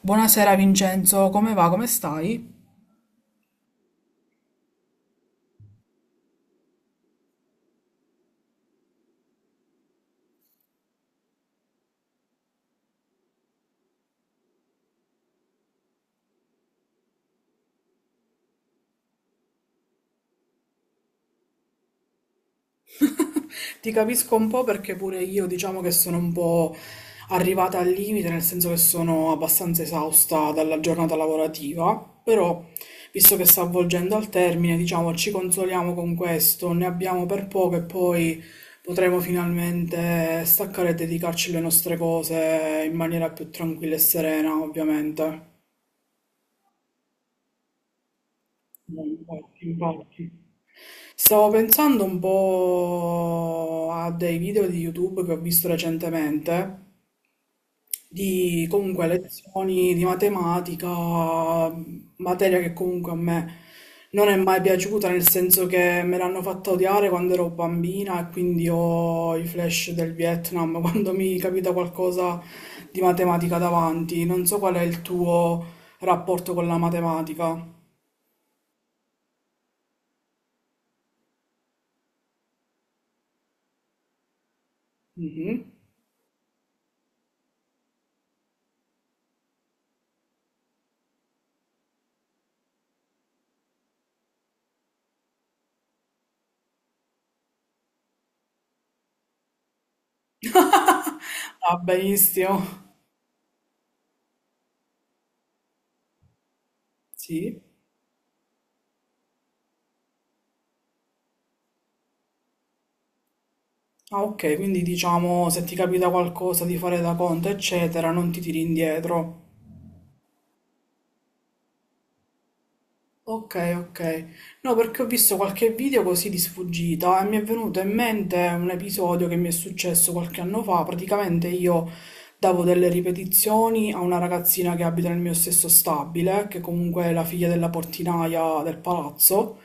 Buonasera Vincenzo, come va? Come stai? Ti capisco un po' perché pure io diciamo che sono un po' arrivata al limite, nel senso che sono abbastanza esausta dalla giornata lavorativa, però visto che sta avvolgendo al termine, diciamo ci consoliamo con questo, ne abbiamo per poco e poi potremo finalmente staccare e dedicarci alle nostre cose in maniera più tranquilla e serena, ovviamente. Infatti, infatti. Stavo pensando un po' a dei video di YouTube che ho visto recentemente, di comunque lezioni di matematica, materia che comunque a me non è mai piaciuta, nel senso che me l'hanno fatta odiare quando ero bambina e quindi ho i flash del Vietnam quando mi capita qualcosa di matematica davanti. Non so qual è il tuo rapporto con la matematica. Mhm. Ah, benissimo. Sì. Ah, ok, quindi diciamo se ti capita qualcosa di fare da conto, eccetera, non ti tiri indietro. Ok, ok. No, perché ho visto qualche video così di sfuggita e mi è venuto in mente un episodio che mi è successo qualche anno fa. Praticamente io davo delle ripetizioni a una ragazzina che abita nel mio stesso stabile, che comunque è la figlia della portinaia del palazzo.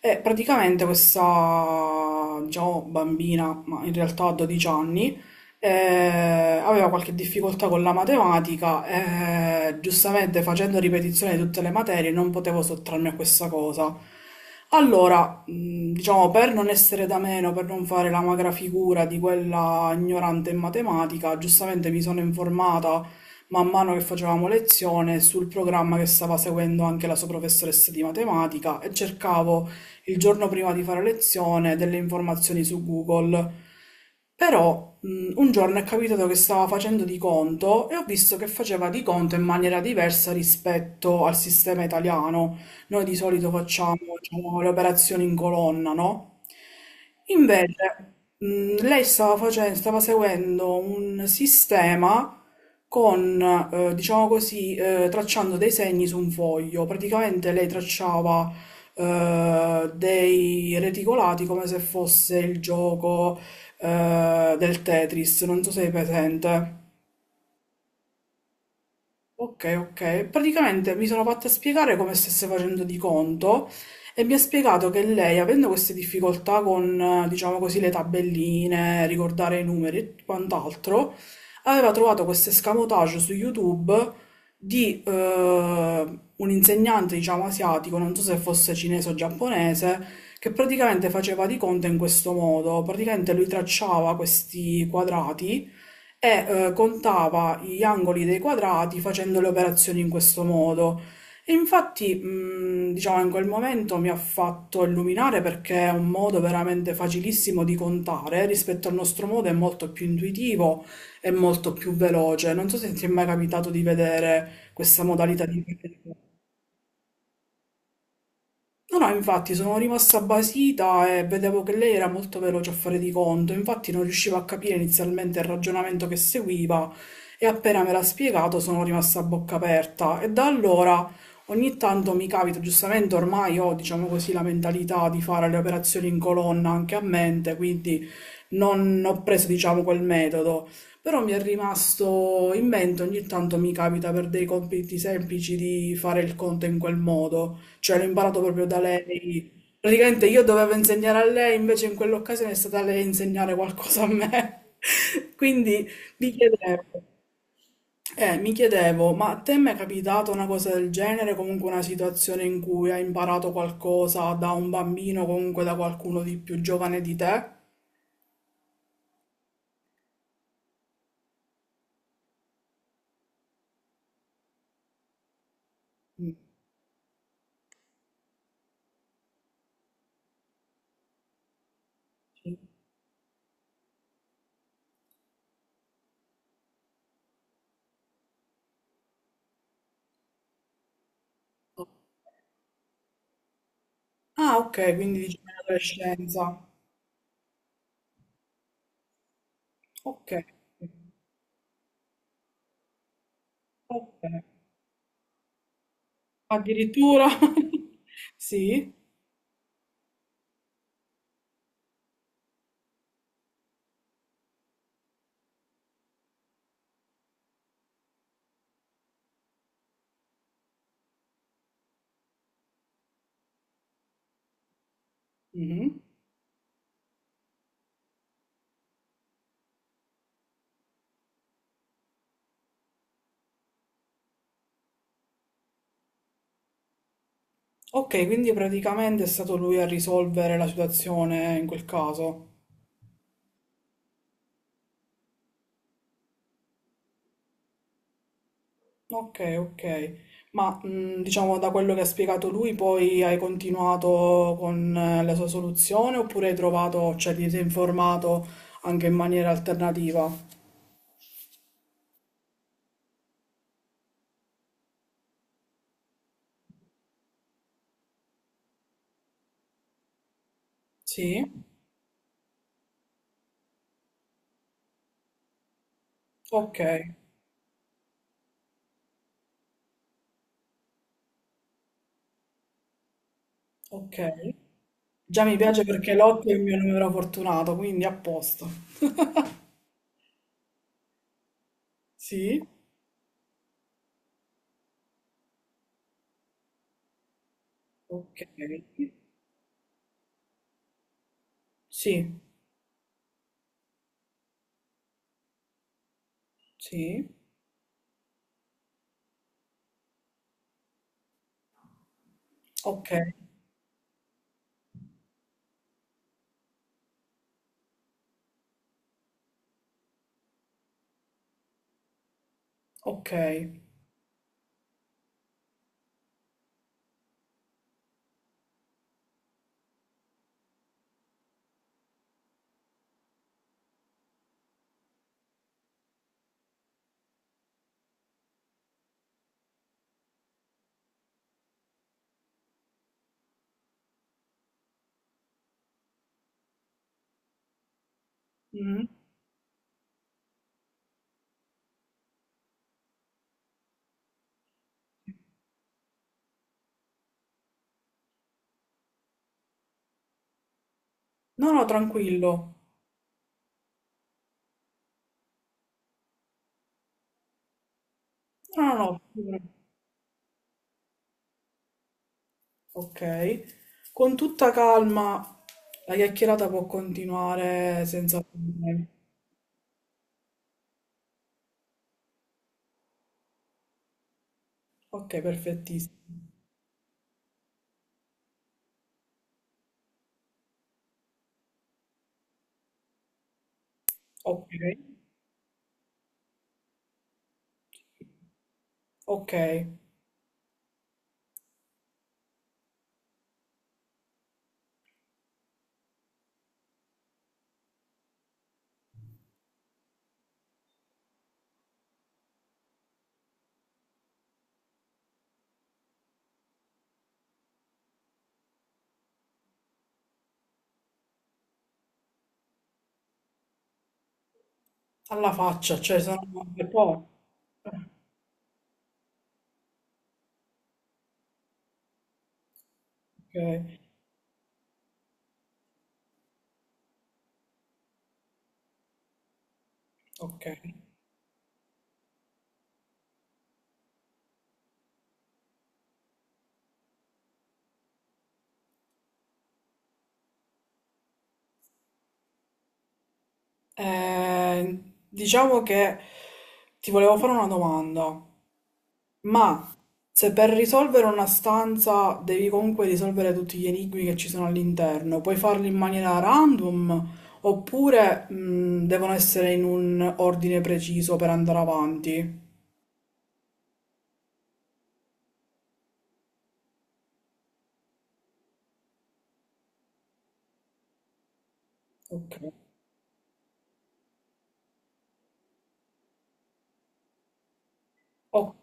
E praticamente questa, diciamo, bambina, ma in realtà a 12 anni, aveva qualche difficoltà con la matematica e giustamente facendo ripetizione di tutte le materie non potevo sottrarmi a questa cosa. Allora, diciamo, per non essere da meno, per non fare la magra figura di quella ignorante in matematica, giustamente mi sono informata man mano che facevamo lezione sul programma che stava seguendo anche la sua professoressa di matematica e cercavo il giorno prima di fare lezione delle informazioni su Google. Però un giorno è capitato che stava facendo di conto e ho visto che faceva di conto in maniera diversa rispetto al sistema italiano. Noi di solito facciamo, diciamo, le operazioni in colonna, no? Invece, lei stava seguendo un sistema con, diciamo così, tracciando dei segni su un foglio. Praticamente lei tracciava dei reticolati come se fosse il gioco del Tetris, non so se è presente. Ok, ok. Praticamente mi sono fatta spiegare come stesse facendo di conto e mi ha spiegato che lei, avendo queste difficoltà con, diciamo così, le tabelline, ricordare i numeri e quant'altro, aveva trovato questo escamotage su YouTube di un insegnante, diciamo, asiatico, non so se fosse cinese o giapponese, che praticamente faceva di conto in questo modo. Praticamente lui tracciava questi quadrati e contava gli angoli dei quadrati facendo le operazioni in questo modo. E infatti, diciamo, in quel momento mi ha fatto illuminare perché è un modo veramente facilissimo di contare, rispetto al nostro modo è molto più intuitivo e molto più veloce. Non so se ti è mai capitato di vedere questa modalità di... No, no, infatti sono rimasta basita e vedevo che lei era molto veloce a fare di conto, infatti non riuscivo a capire inizialmente il ragionamento che seguiva e appena me l'ha spiegato sono rimasta a bocca aperta e da allora ogni tanto mi capita, giustamente ormai ho, diciamo così, la mentalità di fare le operazioni in colonna anche a mente, quindi non ho preso, diciamo, quel metodo, però mi è rimasto in mente, ogni tanto mi capita per dei compiti semplici di fare il conto in quel modo, cioè l'ho imparato proprio da lei. Praticamente io dovevo insegnare a lei, invece in quell'occasione è stata lei a insegnare qualcosa a me. Quindi mi chiedevo, mi chiedevo, ma a te mi è capitata una cosa del genere, comunque una situazione in cui hai imparato qualcosa da un bambino, comunque da qualcuno di più giovane di te? Sì. Ah, ok, quindi diciamo in adolescenza. Ok, ok. Addirittura? Sì. Mhm. Ok, quindi praticamente è stato lui a risolvere la situazione in quel caso. Ok, ok. Ma diciamo da quello che ha spiegato lui, poi hai continuato con la sua soluzione oppure hai trovato, cioè ti sei informato anche in maniera alternativa? Sì? Ok, ok. Già mi piace perché Lotto è il mio numero fortunato, quindi a posto. Sì? Ok. Sì, sì. Ok, ok. Mm. No, no, tranquillo. No, no, no. Ok. Con tutta calma la chiacchierata può continuare senza problemi. Ok, perfettissimo. Ok, ok. Alla faccia, cioè sono per poco. Ok, ok. Eh, diciamo che ti volevo fare una domanda. Ma, se per risolvere una stanza devi comunque risolvere tutti gli enigmi che ci sono all'interno, puoi farli in maniera random oppure devono essere in un ordine preciso per andare avanti. Ok. Ok.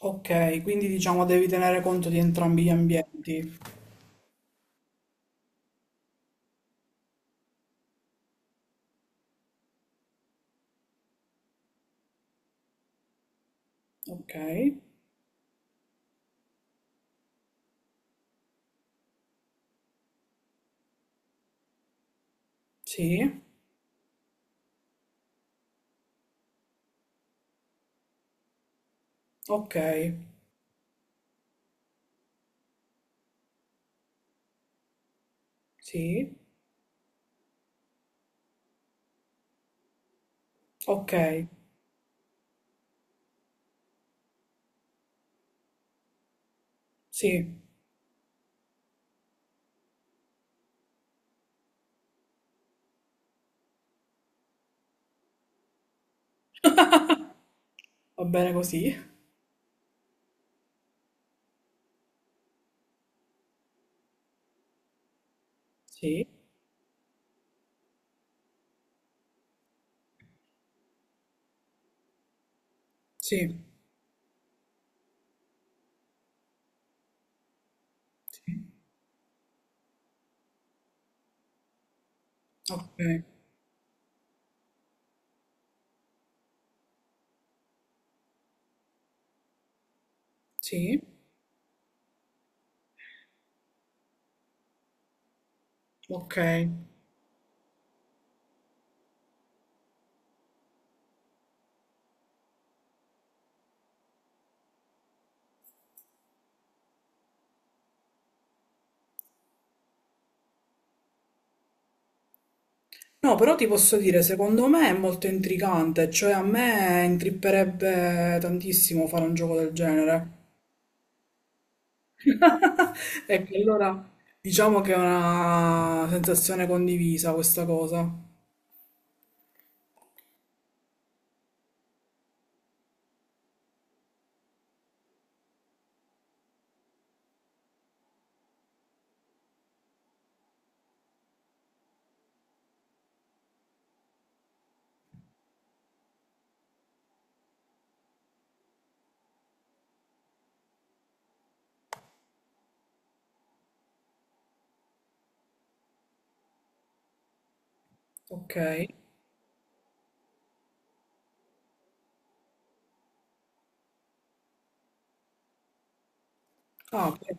Ok, quindi diciamo devi tenere conto di entrambi gli ambienti. Ok, sì, ok, sì, ok, sì, va bene così, sì, sì, sì, ok, sì, ok. No, però ti posso dire, secondo me è molto intrigante, cioè a me intripperebbe tantissimo fare un gioco del genere. E che allora diciamo che è una sensazione condivisa questa cosa. Ok. Ah, beh,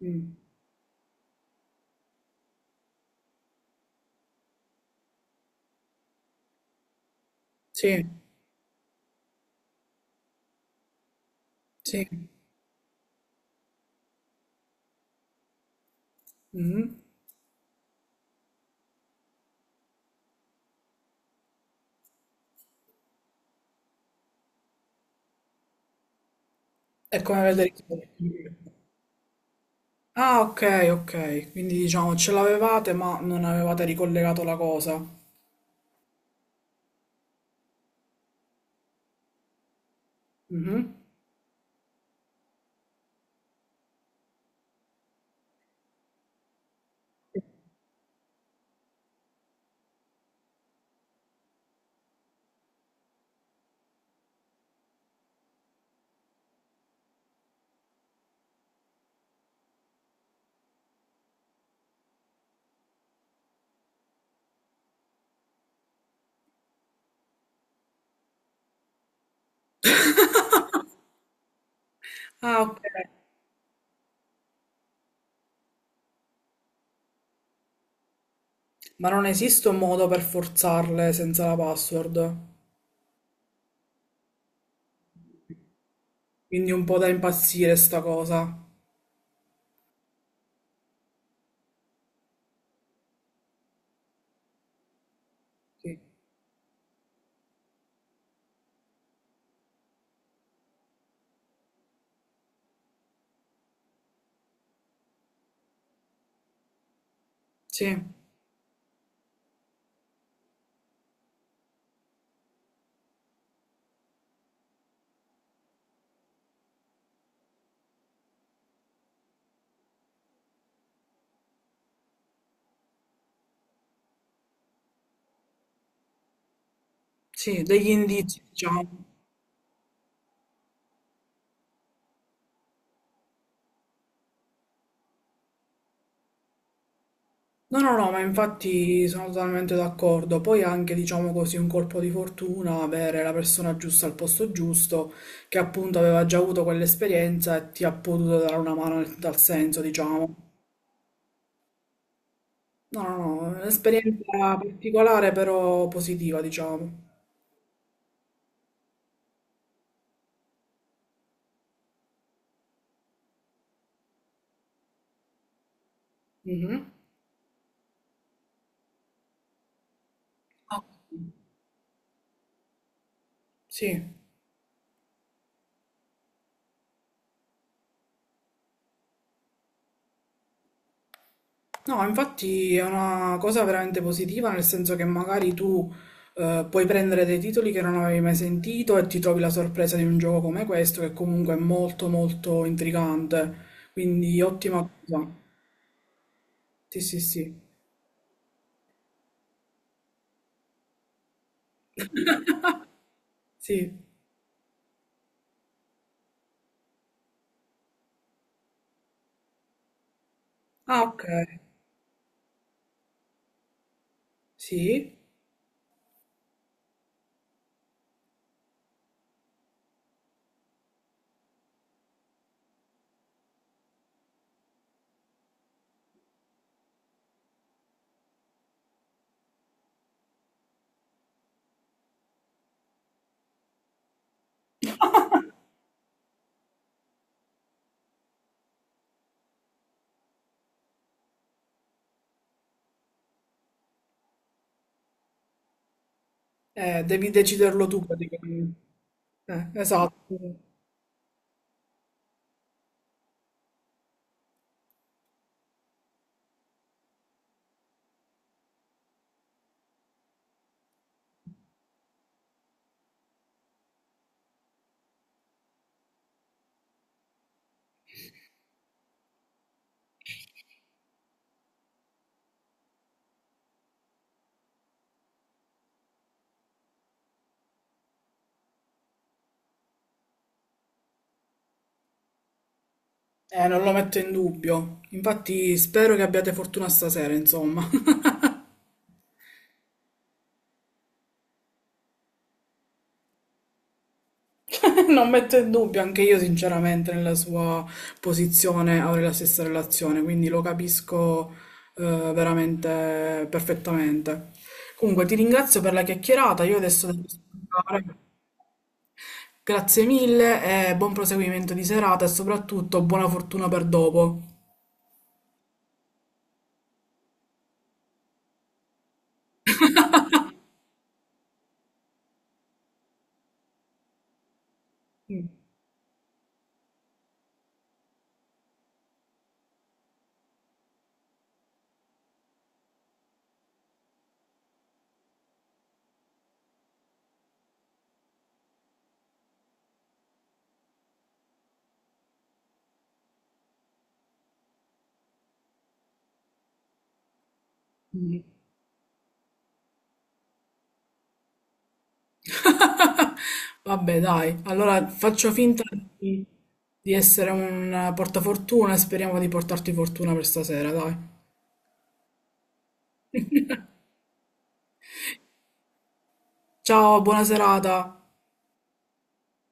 mm, sì, sì. Mhm. È come vedere... Ah, ok, ok. Quindi diciamo ce l'avevate ma non avevate ricollegato la cosa. Mhm. Ah, ok. Ma non esiste un modo per forzarle senza la password. Quindi un po' da impazzire sta cosa. Sì, sì, sì, degli indizi, diciamo. No, no, no, ma infatti sono totalmente d'accordo. Poi anche, diciamo così, un colpo di fortuna, avere la persona giusta al posto giusto, che appunto aveva già avuto quell'esperienza e ti ha potuto dare una mano dal senso, diciamo. No, no, no, è un'esperienza particolare però positiva, diciamo. Mhm. Ah, sì. No, infatti è una cosa veramente positiva, nel senso che magari tu puoi prendere dei titoli che non avevi mai sentito e ti trovi la sorpresa di un gioco come questo, che comunque è molto molto intrigante. Quindi ottima cosa. Sì, sì, sì. Sì. Ah, ok. Sì. Devi deciderlo tu praticamente. Esatto. Non lo metto in dubbio. Infatti spero che abbiate fortuna stasera, insomma. Non metto in dubbio, anche io sinceramente nella sua posizione avrei la stessa relazione, quindi lo capisco eh, veramente perfettamente. Comunque ti ringrazio per la chiacchierata, io adesso devo scappare. Grazie mille e buon proseguimento di serata e soprattutto buona fortuna per dopo. Mm. Vabbè, dai, allora faccio finta di, di essere un portafortuna e speriamo di portarti fortuna per stasera, dai. Ciao, buona serata.